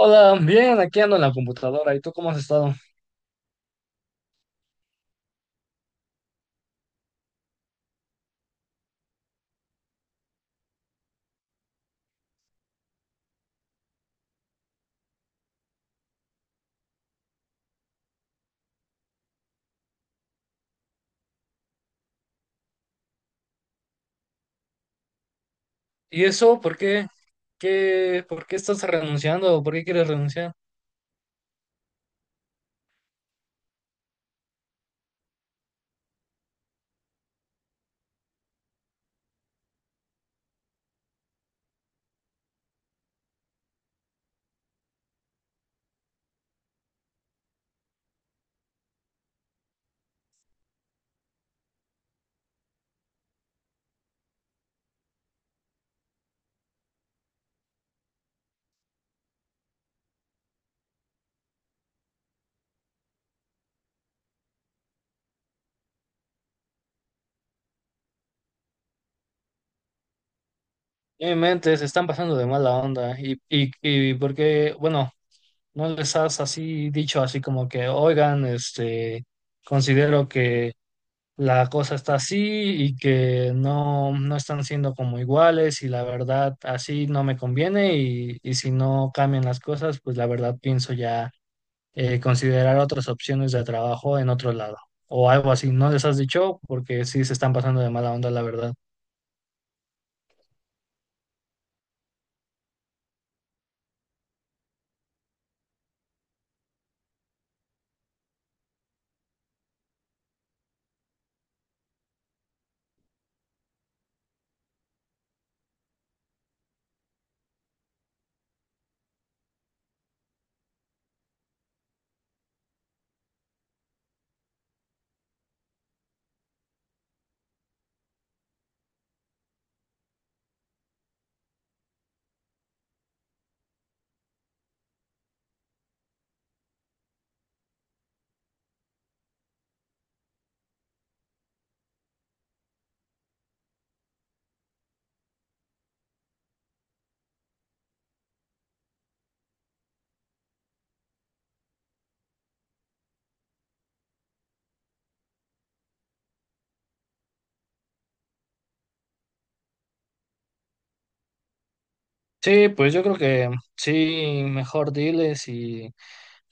Hola, bien, aquí ando en la computadora. ¿Y tú cómo has estado? ¿Y eso por qué? ¿Qué, por qué estás renunciando? ¿Por qué quieres renunciar? En mi mente se están pasando de mala onda. Y por qué, bueno, no les has así dicho así como que, oigan, este, considero que la cosa está así y que no están siendo como iguales y la verdad así no me conviene y si no cambian las cosas, pues la verdad pienso ya. Considerar otras opciones de trabajo en otro lado o algo así. ¿No les has dicho? Porque sí se están pasando de mala onda, la verdad. Sí, pues yo creo que sí, mejor diles y...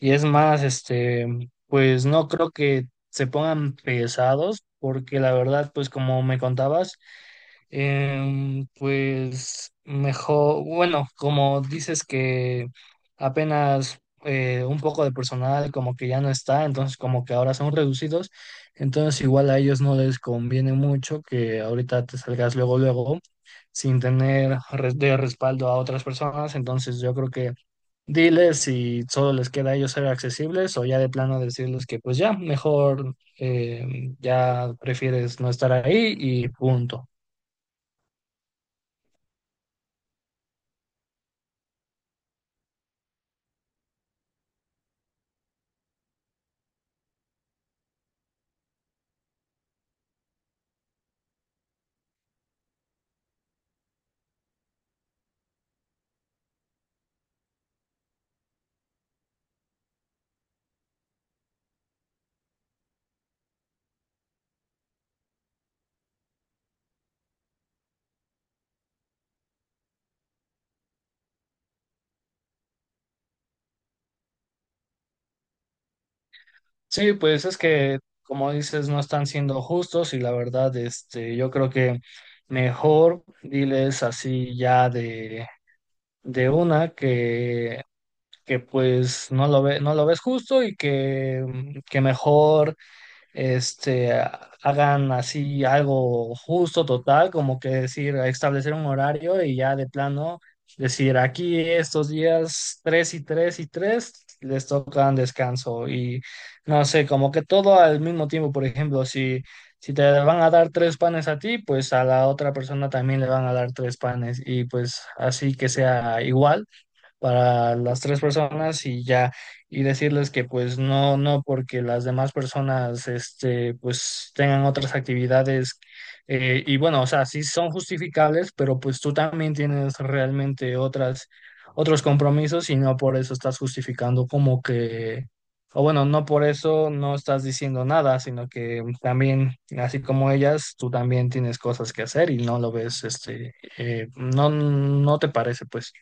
Y es más, este, pues no creo que se pongan pesados, porque la verdad, pues como me contabas, pues mejor, bueno, como dices que apenas un poco de personal como que ya no está, entonces como que ahora son reducidos, entonces igual a ellos no les conviene mucho que ahorita te salgas luego, luego, sin tener res- de respaldo a otras personas, entonces yo creo que diles si solo les queda a ellos ser accesibles o ya de plano decirles que pues ya, mejor ya prefieres no estar ahí y punto. Sí, pues es que como dices, no están siendo justos y la verdad, este, yo creo que mejor diles así ya de una que pues no lo ve, no lo ves justo y que mejor este, hagan así algo justo, total, como que decir, establecer un horario y ya de plano decir, aquí estos días 3 y 3 y 3 les tocan descanso y no sé, como que todo al mismo tiempo, por ejemplo, si, si te van a dar tres panes a ti, pues a la otra persona también le van a dar tres panes y pues así que sea igual para las tres personas y ya, y decirles que pues no, no, porque las demás personas, este, pues tengan otras actividades. Y bueno, o sea, sí son justificables, pero pues tú también tienes realmente otras, otros compromisos y no por eso estás justificando como que... O bueno, no por eso no estás diciendo nada, sino que también, así como ellas, tú también tienes cosas que hacer y no lo ves, este, no, no te parece, pues.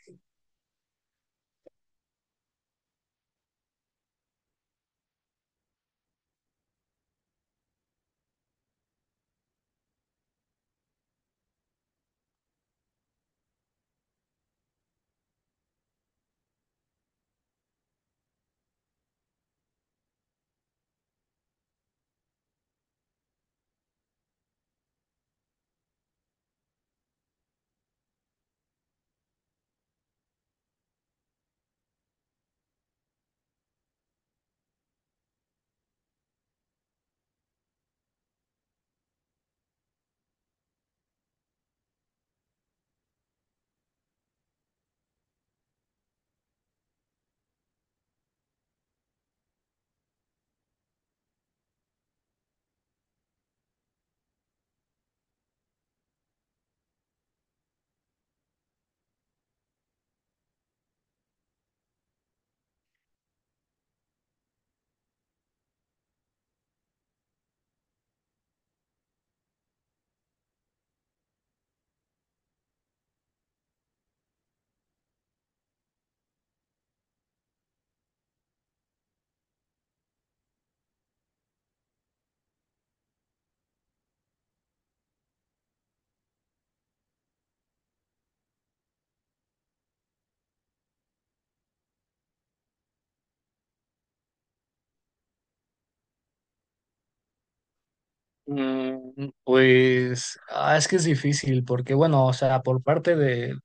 Mm, pues ah, es que es difícil porque, bueno, o sea, por parte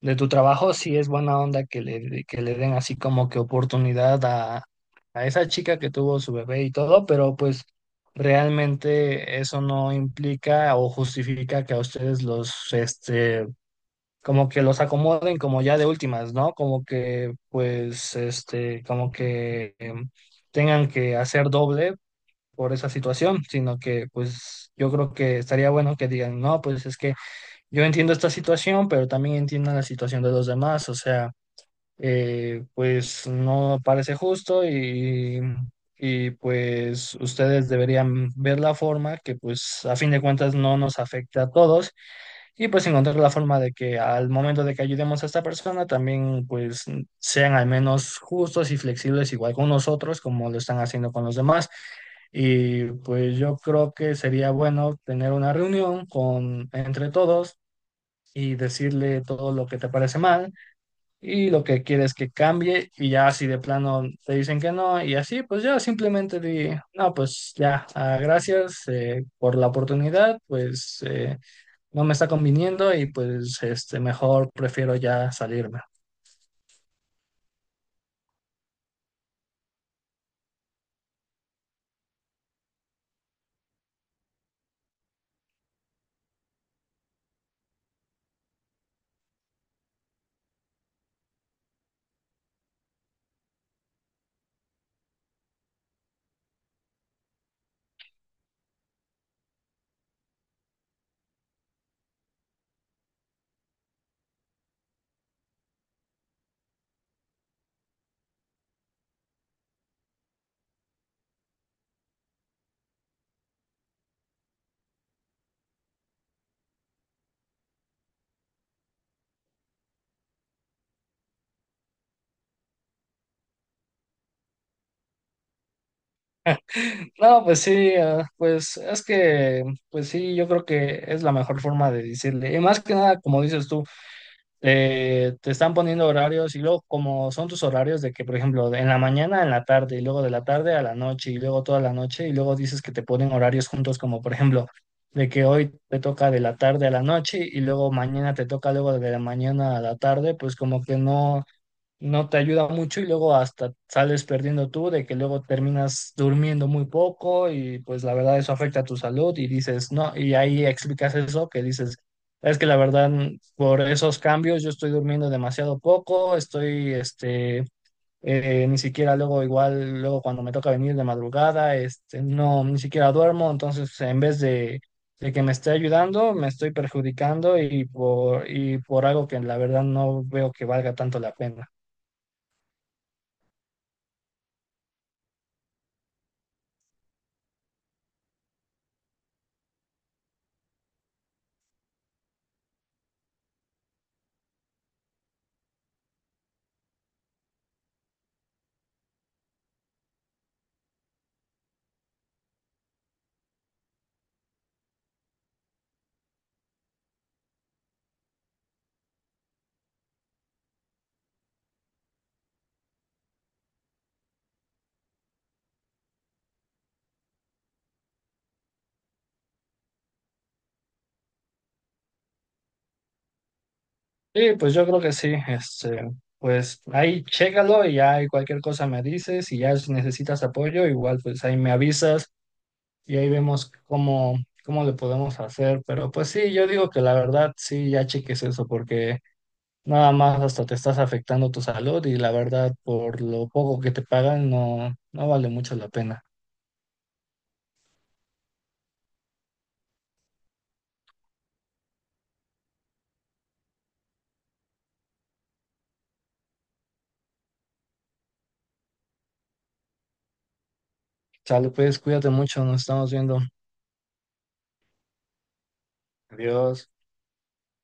de tu trabajo sí es buena onda que le den así como que oportunidad a esa chica que tuvo su bebé y todo, pero pues realmente eso no implica o justifica que a ustedes los, este, como que los acomoden como ya de últimas, ¿no? Como que, pues, este, como que... Tengan que hacer doble por esa situación, sino que pues yo creo que estaría bueno que digan, no, pues es que yo entiendo esta situación, pero también entiendo la situación de los demás, o sea pues no parece justo y pues ustedes deberían ver la forma que pues a fin de cuentas no nos afecte a todos y pues encontrar la forma de que al momento de que ayudemos a esta persona también pues sean al menos justos y flexibles igual con nosotros como lo están haciendo con los demás. Y pues yo creo que sería bueno tener una reunión con entre todos y decirle todo lo que te parece mal y lo que quieres que cambie y ya si de plano te dicen que no y así, pues ya simplemente di, no, pues ya, ah, gracias por la oportunidad, pues no me está conviniendo y pues este, mejor prefiero ya salirme. No, pues sí, ah, pues es que, pues sí, yo creo que es la mejor forma de decirle, y más que nada, como dices tú. Te están poniendo horarios y luego como son tus horarios de que, por ejemplo, en la mañana, en la tarde y luego de la tarde a la noche y luego toda la noche y luego dices que te ponen horarios juntos como, por ejemplo, de que hoy te toca de la tarde a la noche y luego mañana te toca luego de la mañana a la tarde, pues como que no te ayuda mucho y luego hasta sales perdiendo tú, de que luego terminas durmiendo muy poco y pues la verdad eso afecta a tu salud y dices, no, y ahí explicas eso, que dices, es que la verdad por esos cambios yo estoy durmiendo demasiado poco, estoy, este, ni siquiera luego igual, luego cuando me toca venir de madrugada, este, no, ni siquiera duermo, entonces en vez de que me esté ayudando, me estoy perjudicando y por algo que la verdad no veo que valga tanto la pena. Sí, pues yo creo que sí. Este, pues ahí chécalo y ya y cualquier cosa me dices y ya si necesitas apoyo, igual pues ahí me avisas y ahí vemos cómo, cómo le podemos hacer. Pero pues sí, yo digo que la verdad sí, ya cheques eso porque nada más hasta te estás afectando tu salud y la verdad por lo poco que te pagan no, no vale mucho la pena. Chale, pues cuídate mucho, nos estamos viendo. Adiós.